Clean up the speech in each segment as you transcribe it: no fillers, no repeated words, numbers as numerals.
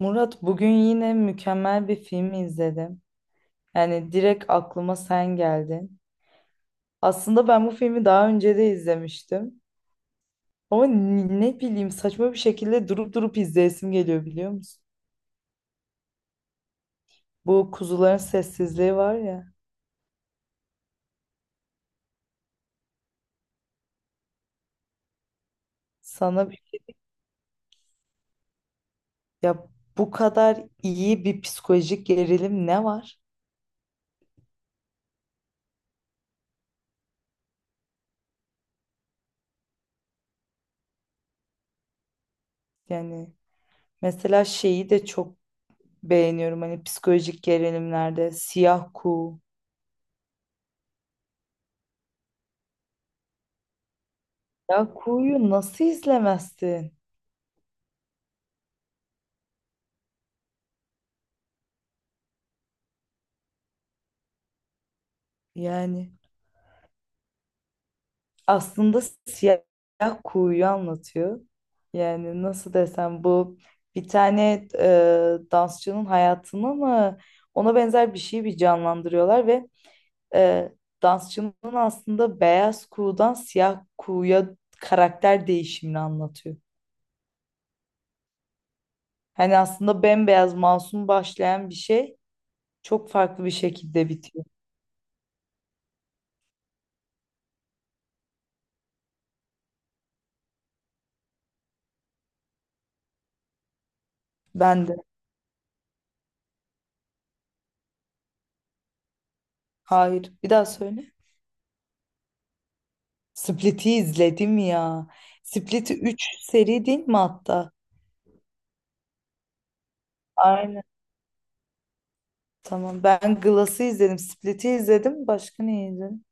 Murat, bugün yine mükemmel bir film izledim. Yani direkt aklıma sen geldin. Aslında ben bu filmi daha önce de izlemiştim. Ama ne bileyim, saçma bir şekilde durup durup izleyesim geliyor, biliyor musun? Bu Kuzuların Sessizliği var ya. Sana bir- ya, bu kadar iyi bir psikolojik gerilim ne var? Yani mesela şeyi de çok beğeniyorum, hani psikolojik gerilimlerde Siyah Kuğu. Ya Kuğu'yu nasıl izlemezsin? Yani aslında siyah kuğuyu anlatıyor. Yani nasıl desem, bu bir tane dansçının hayatını mı, ona benzer bir şeyi bir canlandırıyorlar ve e, dansçının aslında beyaz kuğudan siyah kuğuya karakter değişimini anlatıyor. Hani aslında bembeyaz masum başlayan bir şey çok farklı bir şekilde bitiyor. Ben de. Hayır. Bir daha söyle. Split'i izledim ya. Split'i 3 seri değil mi hatta? Aynen. Tamam. Ben Glass'ı izledim. Split'i izledim. Başka ne izledim?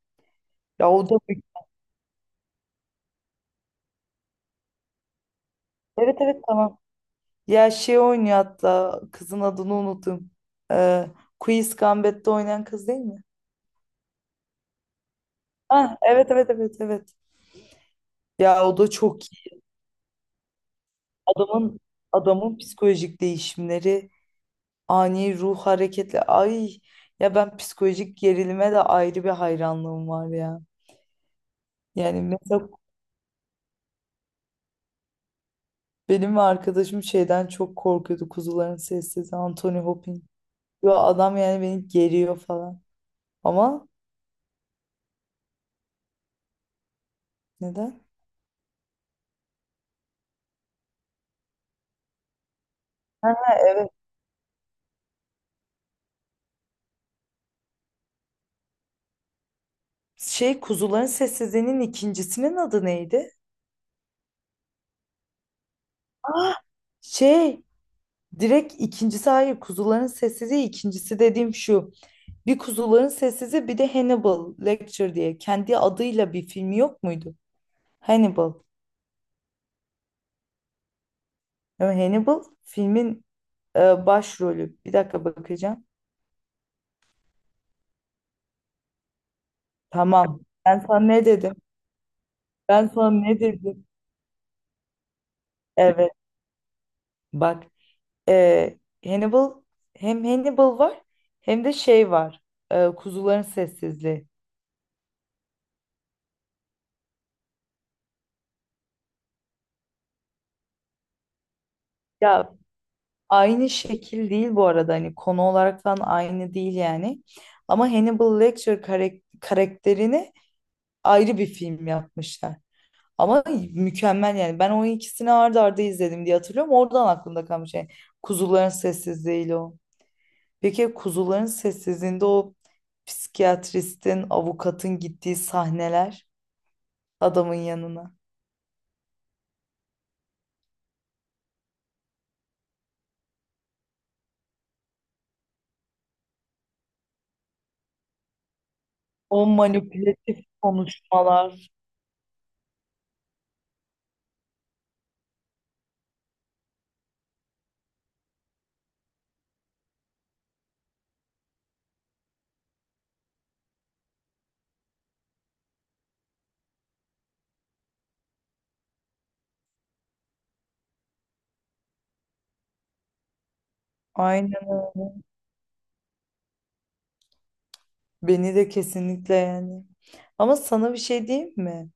Ya o da mü- evet, evet, tamam. Ya şey oynuyor hatta. Kızın adını unuttum. Ee, Queen's Gambit'te oynayan kız değil mi? Ha, evet, evet, evet, evet. Ya o da çok iyi. Adamın Adamın psikolojik değişimleri, ani ruh hareketleri. Ay ya, ben psikolojik gerilime de ayrı bir hayranlığım var ya. Yani mesela benim ve arkadaşım şeyden çok korkuyordu. Kuzuların Sessizliği, Anthony Hopkins. Yo, adam yani beni geriyor falan. Ama neden? Ha, evet. Şey, Kuzuların Sessizliği'nin ikincisinin adı neydi? Ah, şey, direkt ikincisi hayır, Kuzuların Sessizliği ikincisi dediğim şu. Bir Kuzuların Sessizliği, bir de Hannibal Lecter diye kendi adıyla bir filmi yok muydu? Hannibal. Ama Hannibal filmin başrolü. Bir dakika bakacağım. Tamam. Ben sana ne dedim? Ben sana ne dedim? Evet. Bak, Ee, Hannibal, hem Hannibal var hem de şey var. Kuzuların Sessizliği. Ya aynı şekil değil bu arada, hani konu olarak falan aynı değil yani. Ama Hannibal Lecter karakterini ayrı bir film yapmışlar. Ama mükemmel yani. Ben o ikisini ardı arda izledim diye hatırlıyorum. Oradan aklımda kalmış yani. Kuzuların Sessizliği'yle o. Peki Kuzuların Sessizliği'nde o psikiyatristin, avukatın gittiği sahneler, adamın yanına. O manipülatif konuşmalar. Aynen. Beni de kesinlikle yani. Ama sana bir şey diyeyim mi?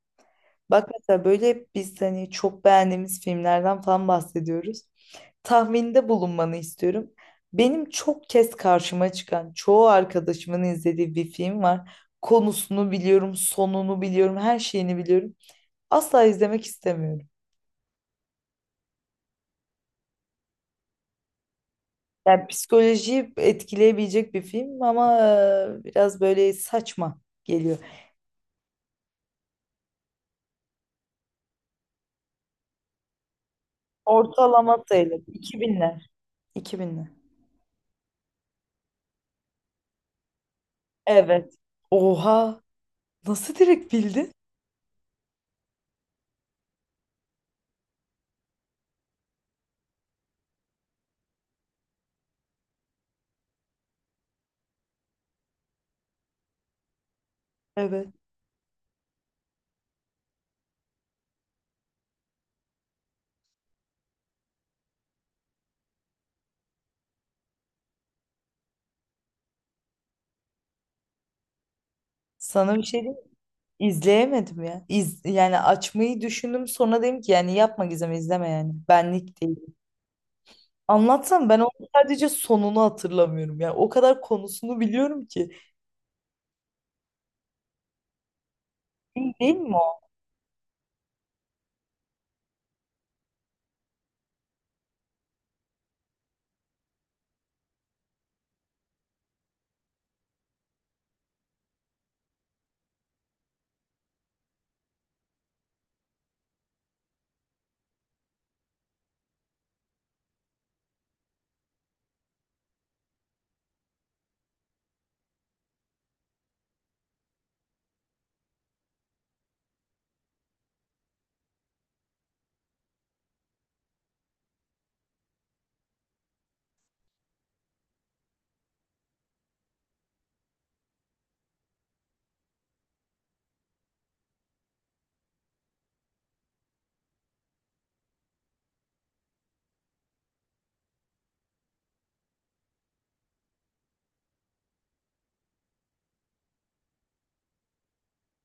Bak, mesela böyle hep biz hani çok beğendiğimiz filmlerden falan bahsediyoruz. Tahminde bulunmanı istiyorum. Benim çok kez karşıma çıkan, çoğu arkadaşımın izlediği bir film var. Konusunu biliyorum, sonunu biliyorum, her şeyini biliyorum. Asla izlemek istemiyorum. Yani psikolojiyi etkileyebilecek bir film ama biraz böyle saçma geliyor. Ortalama sayılır. İki binler. İki binler. Evet. Oha! Nasıl direkt bildin? Evet. Sana bir şey diyeyim mi? İzleyemedim ya. Yani açmayı düşündüm, sonra dedim ki yani yapma Gizem, izleme yani. Benlik değil. Anlatsam ben onu, sadece sonunu hatırlamıyorum. Yani o kadar konusunu biliyorum ki. İyi değil mi o?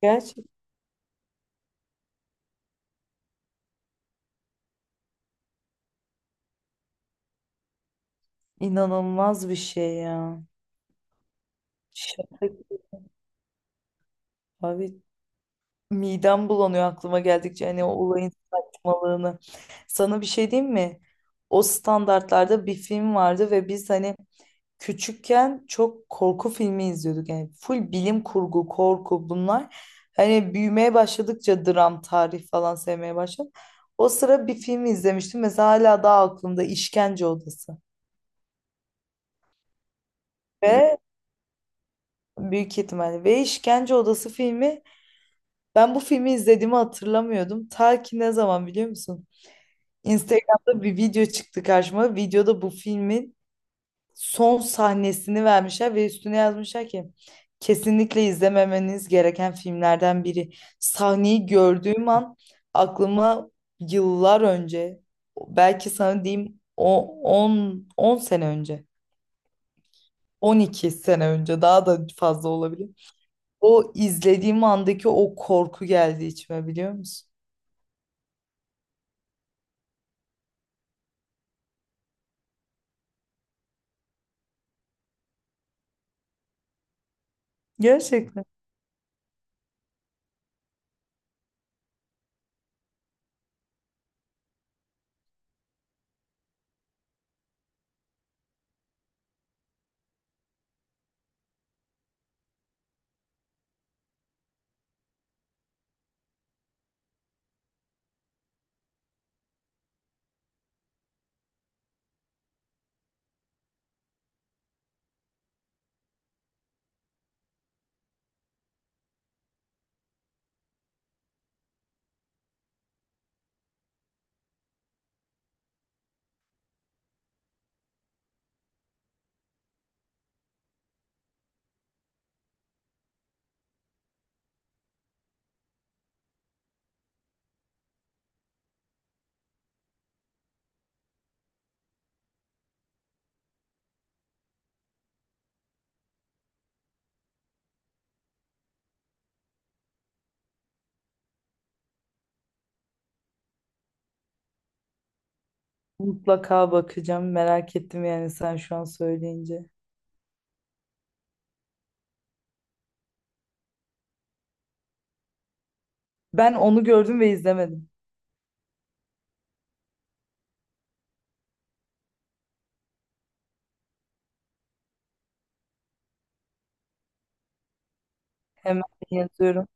Gerçekten. İnanılmaz bir şey ya. Şaka. Abi, midem bulanıyor aklıma geldikçe hani o olayın saçmalığını. Sana bir şey diyeyim mi? O standartlarda bir film vardı ve biz hani küçükken çok korku filmi izliyorduk. Yani full bilim kurgu, korku bunlar. Hani büyümeye başladıkça dram, tarih falan sevmeye başladım. O sıra bir film izlemiştim. Mesela hala daha aklımda İşkence Odası. Ve büyük ihtimalle ve İşkence Odası filmi, ben bu filmi izlediğimi hatırlamıyordum. Ta ki ne zaman biliyor musun? Instagram'da bir video çıktı karşıma. Videoda bu filmin son sahnesini vermişler ve üstüne yazmışlar ki kesinlikle izlememeniz gereken filmlerden biri. Sahneyi gördüğüm an aklıma yıllar önce, belki sana diyeyim, o 10 10 sene önce, 12 sene önce, daha da fazla olabilir. O izlediğim andaki o korku geldi içime, biliyor musun? Gerçekten. Mutlaka bakacağım. Merak ettim yani sen şu an söyleyince. Ben onu gördüm ve izlemedim. Hemen yazıyorum.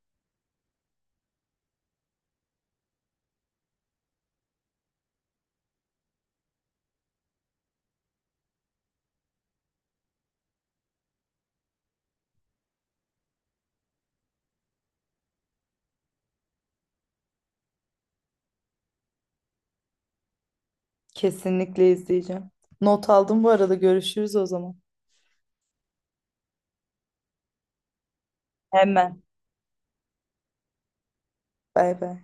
Kesinlikle izleyeceğim. Not aldım bu arada. Görüşürüz o zaman. Hemen. Bay bay.